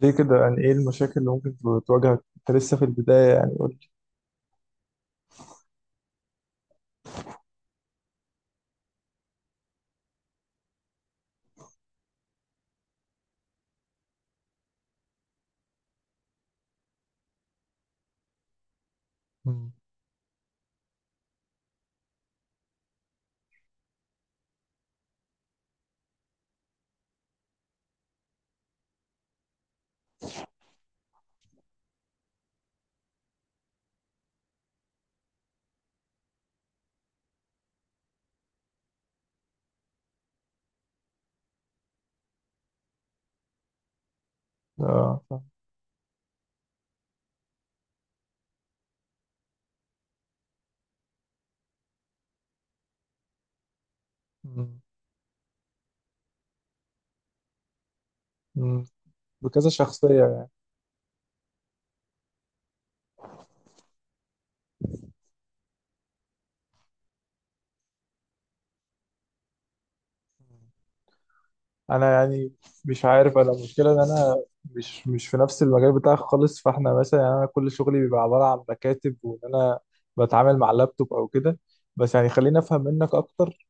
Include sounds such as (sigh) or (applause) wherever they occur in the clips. ليه كده؟ يعني ايه المشاكل اللي ممكن تواجهك انت لسه في البداية؟ يعني قول لي. مم. اه صح. مم. مم. بكذا شخصية يعني. انا يعني مش عارف، انا المشكلة ان انا مش في نفس المجال بتاعك خالص، فاحنا مثلا يعني انا كل شغلي بيبقى عبارة عن مكاتب، وان انا بتعامل مع اللابتوب او كده. بس يعني خليني افهم منك اكتر.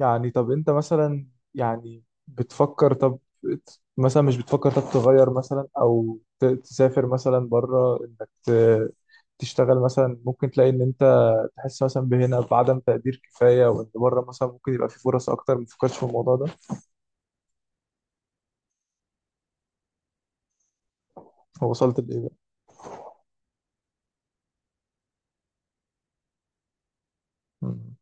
يعني طب انت مثلا يعني بتفكر، طب مثلا مش بتفكر طب تغير مثلا او تسافر مثلا بره، انك تشتغل مثلا، ممكن تلاقي ان انت تحس مثلا بهنا بعدم تقدير كفاية، وان بره مثلا ممكن يبقى في فرص اكتر. ما تفكرش في الموضوع ده؟ هو وصلت لايه بقى؟ مم.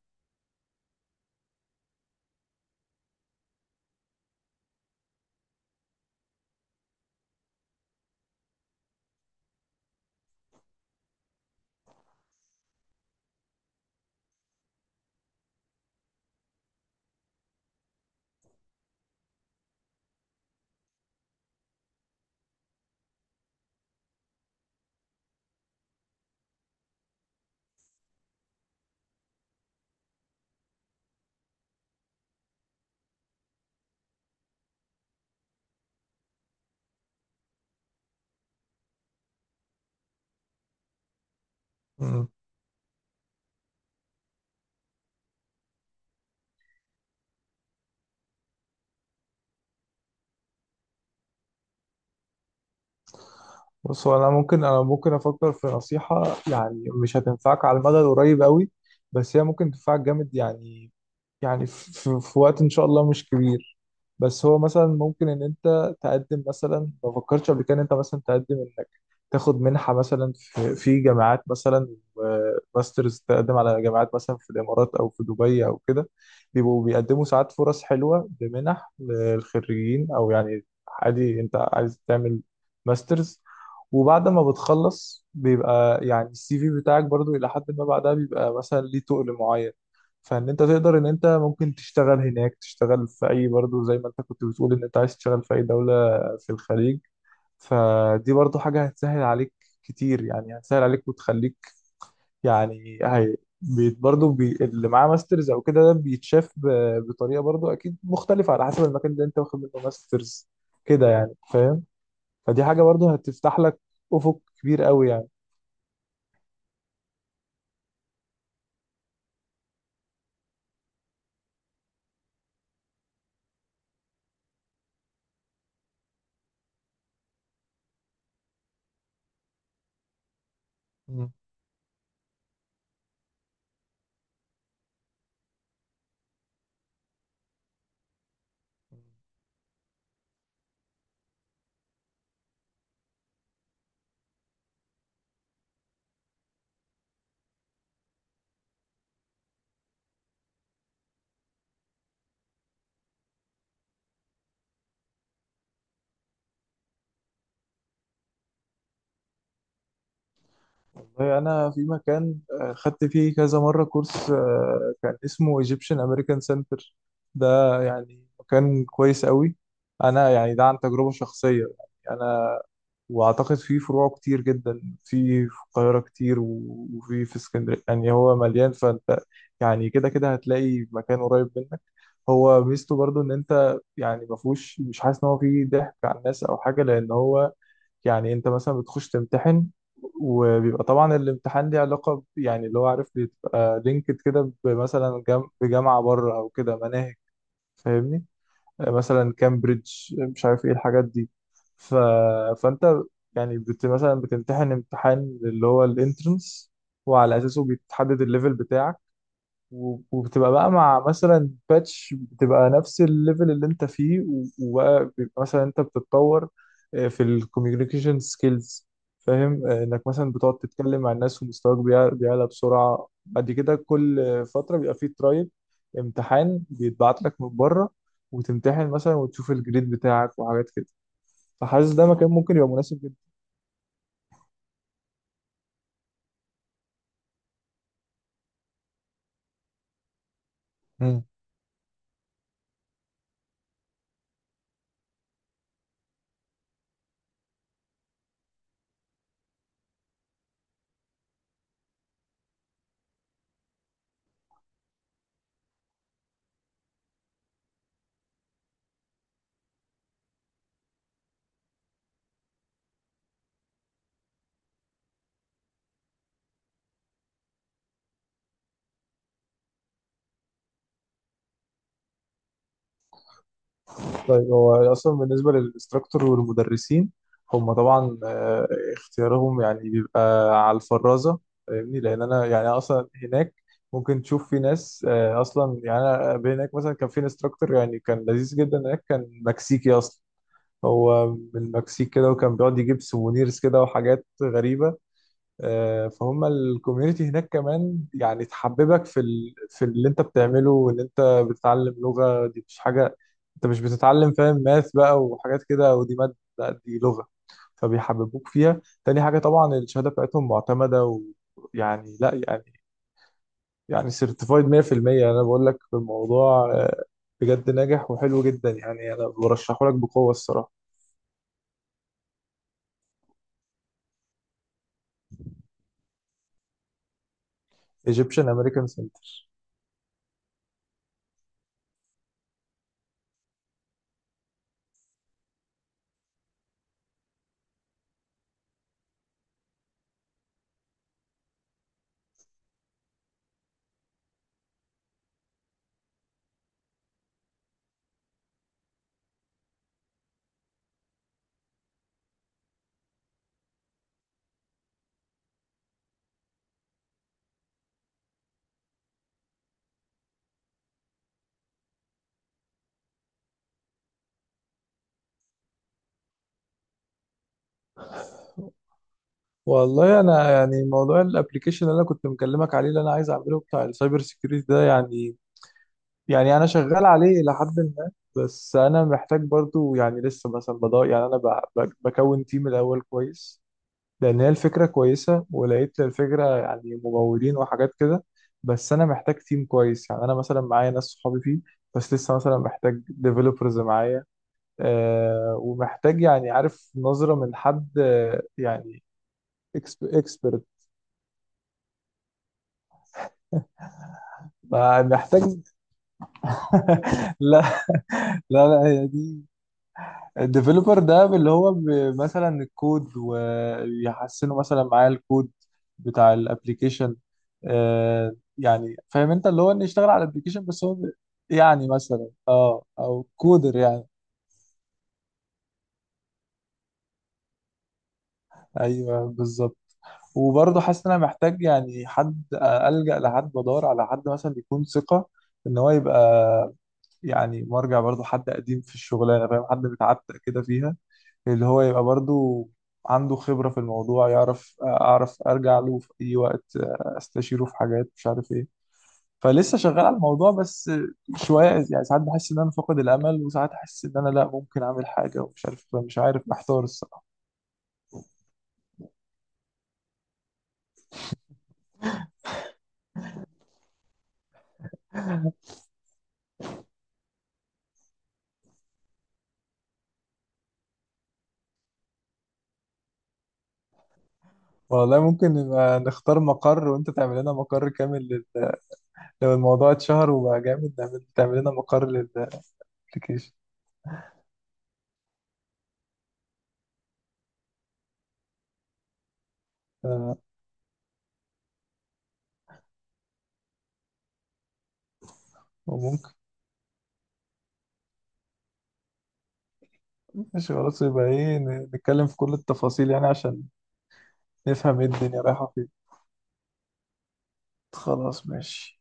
مم. بص، هو انا ممكن افكر في نصيحة، يعني مش هتنفعك على المدى القريب قوي، بس هي ممكن تنفعك جامد يعني. يعني في وقت ان شاء الله مش كبير. بس هو مثلا ممكن ان انت تقدم، مثلا ما فكرتش قبل كده ان انت مثلا تقدم انك تاخد منحة مثلا في جامعات مثلا، وماسترز، تقدم على جامعات مثلا في الامارات او في دبي او كده. بيبقوا بيقدموا ساعات فرص حلوة لمنح للخريجين، او يعني عادي انت عايز تعمل ماسترز، وبعد ما بتخلص بيبقى يعني السي في بتاعك برضو الى حد ما بعدها بيبقى مثلا ليه تقل معين. فان انت تقدر ان انت ممكن تشتغل هناك، تشتغل في اي برضو زي ما انت كنت بتقول ان انت عايز تشتغل في اي دولة في الخليج. فدي برضو حاجة هتسهل عليك كتير يعني، هتسهل عليك وتخليك يعني. هي برضو بي اللي معاه ماسترز او كده، ده بيتشاف بطريقة برضو اكيد مختلفة على حسب المكان اللي انت واخد منه ماسترز، كده يعني، فاهم؟ فدي حاجة برضو هتفتح لك افق كبير قوي يعني. مم. والله أنا في مكان خدت فيه كذا مرة كورس، كان اسمه Egyptian American Center. ده يعني مكان كويس قوي. أنا يعني ده عن تجربة شخصية يعني، أنا وأعتقد فيه فروع كتير جدا، في القاهرة كتير وفي اسكندرية، يعني هو مليان، فأنت يعني كده كده هتلاقي مكان قريب منك. هو ميزته برضو إن أنت يعني مفهوش، مش حاسس إن هو فيه ضحك على الناس أو حاجة، لأن هو يعني انت مثلا بتخش تمتحن، وبيبقى طبعا الامتحان ليه علاقة يعني اللي هو عارف بيبقى لينكد كده مثلا بجامعة بره او كده مناهج، فاهمني؟ مثلا كامبريدج، مش عارف ايه الحاجات دي. ف... فانت يعني مثلا بتمتحن امتحان اللي هو الانترنس، وعلى اساسه بيتحدد الليفل بتاعك، وبتبقى بقى مع مثلا باتش، بتبقى نفس الليفل اللي انت فيه، وبقى بيبقى مثلا انت بتتطور في الكوميونيكيشن سكيلز، فاهم؟ انك مثلا بتقعد تتكلم مع الناس ومستواك بيعلى بسرعة، بعد كده كل فترة بيبقى فيه ترايل، امتحان بيتبعت لك من بره، وتمتحن مثلا وتشوف الجريد بتاعك وحاجات كده. فحاسس ده مكان ممكن يبقى مناسب جدا. طيب هو اصلا بالنسبه للانستراكتور والمدرسين، هم طبعا اختيارهم يعني بيبقى على الفرازه، فاهمني؟ لان انا يعني اصلا هناك ممكن تشوف في ناس، اصلا يعني انا هناك مثلا كان في انستراكتور يعني كان لذيذ جدا، هناك كان مكسيكي اصلا، هو من المكسيك كده، وكان بيقعد يجيب سوفونيرز كده وحاجات غريبه. فهم الكوميونتي هناك كمان يعني تحببك في اللي انت بتعمله، وان انت بتتعلم لغة، دي مش حاجة انت مش بتتعلم فاهم ماث بقى وحاجات كده، ودي مادة، لا، دي لغة، فبيحببوك فيها. تاني حاجة، طبعا الشهادة بتاعتهم معتمدة، ويعني لا يعني، يعني سيرتيفايد 100%. انا بقول لك في الموضوع بجد ناجح وحلو جدا يعني، انا برشحه لك بقوة الصراحة. Egyptian American Center. والله انا يعني موضوع الابلكيشن اللي انا كنت مكلمك عليه، اللي انا عايز اعمله بتاع السايبر سيكيورتي ده، يعني يعني انا شغال عليه الى حد ما، بس انا محتاج برضو يعني لسه مثلا بدور، يعني انا بكون تيم الاول كويس. لان هي الفكره كويسه، ولقيت الفكره يعني ممولين وحاجات كده، بس انا محتاج تيم كويس. يعني انا مثلا معايا ناس صحابي فيه، بس لسه مثلا محتاج ديفلوبرز معايا. آه، ومحتاج يعني عارف نظره من حد، يعني ما محتاج (laughs) لا. لا هي دي، الديفلوبر ده اللي هو مثلا الكود، ويحسنوا مثلا معاه الكود بتاع الابليكيشن. آه، يعني فاهم انت اللي هو انه يشتغل على الابليكيشن، بس هو يعني مثلا اه، او كودر يعني. ايوه بالظبط. وبرضه حاسس ان انا محتاج يعني حد الجأ لحد، بدور على حد مثلا يكون ثقة، ان هو يبقى يعني مرجع، برضه حد قديم في الشغلانه، فاهم؟ حد متعتق كده فيها، اللي هو يبقى برضو عنده خبرة في الموضوع، يعرف، أعرف أرجع له في أي وقت، أستشيره في حاجات مش عارف إيه. فلسه شغال على الموضوع بس شوية يعني. ساعات بحس إن أنا فاقد الأمل، وساعات أحس إن أنا لأ ممكن أعمل حاجة، ومش عارف، مش عارف، محتار الصراحة. والله ممكن نبقى نختار مقر وأنت تعمل لنا مقر كامل لل... (laughs) لو الموضوع اتشهر وبقى جامد نعمل، تعمل لنا مقر للأبلكيشن (laughs) آه، وممكن، ماشي خلاص، يبقى إيه؟ نتكلم في كل التفاصيل يعني عشان نفهم إيه الدنيا رايحة فين. خلاص ماشي.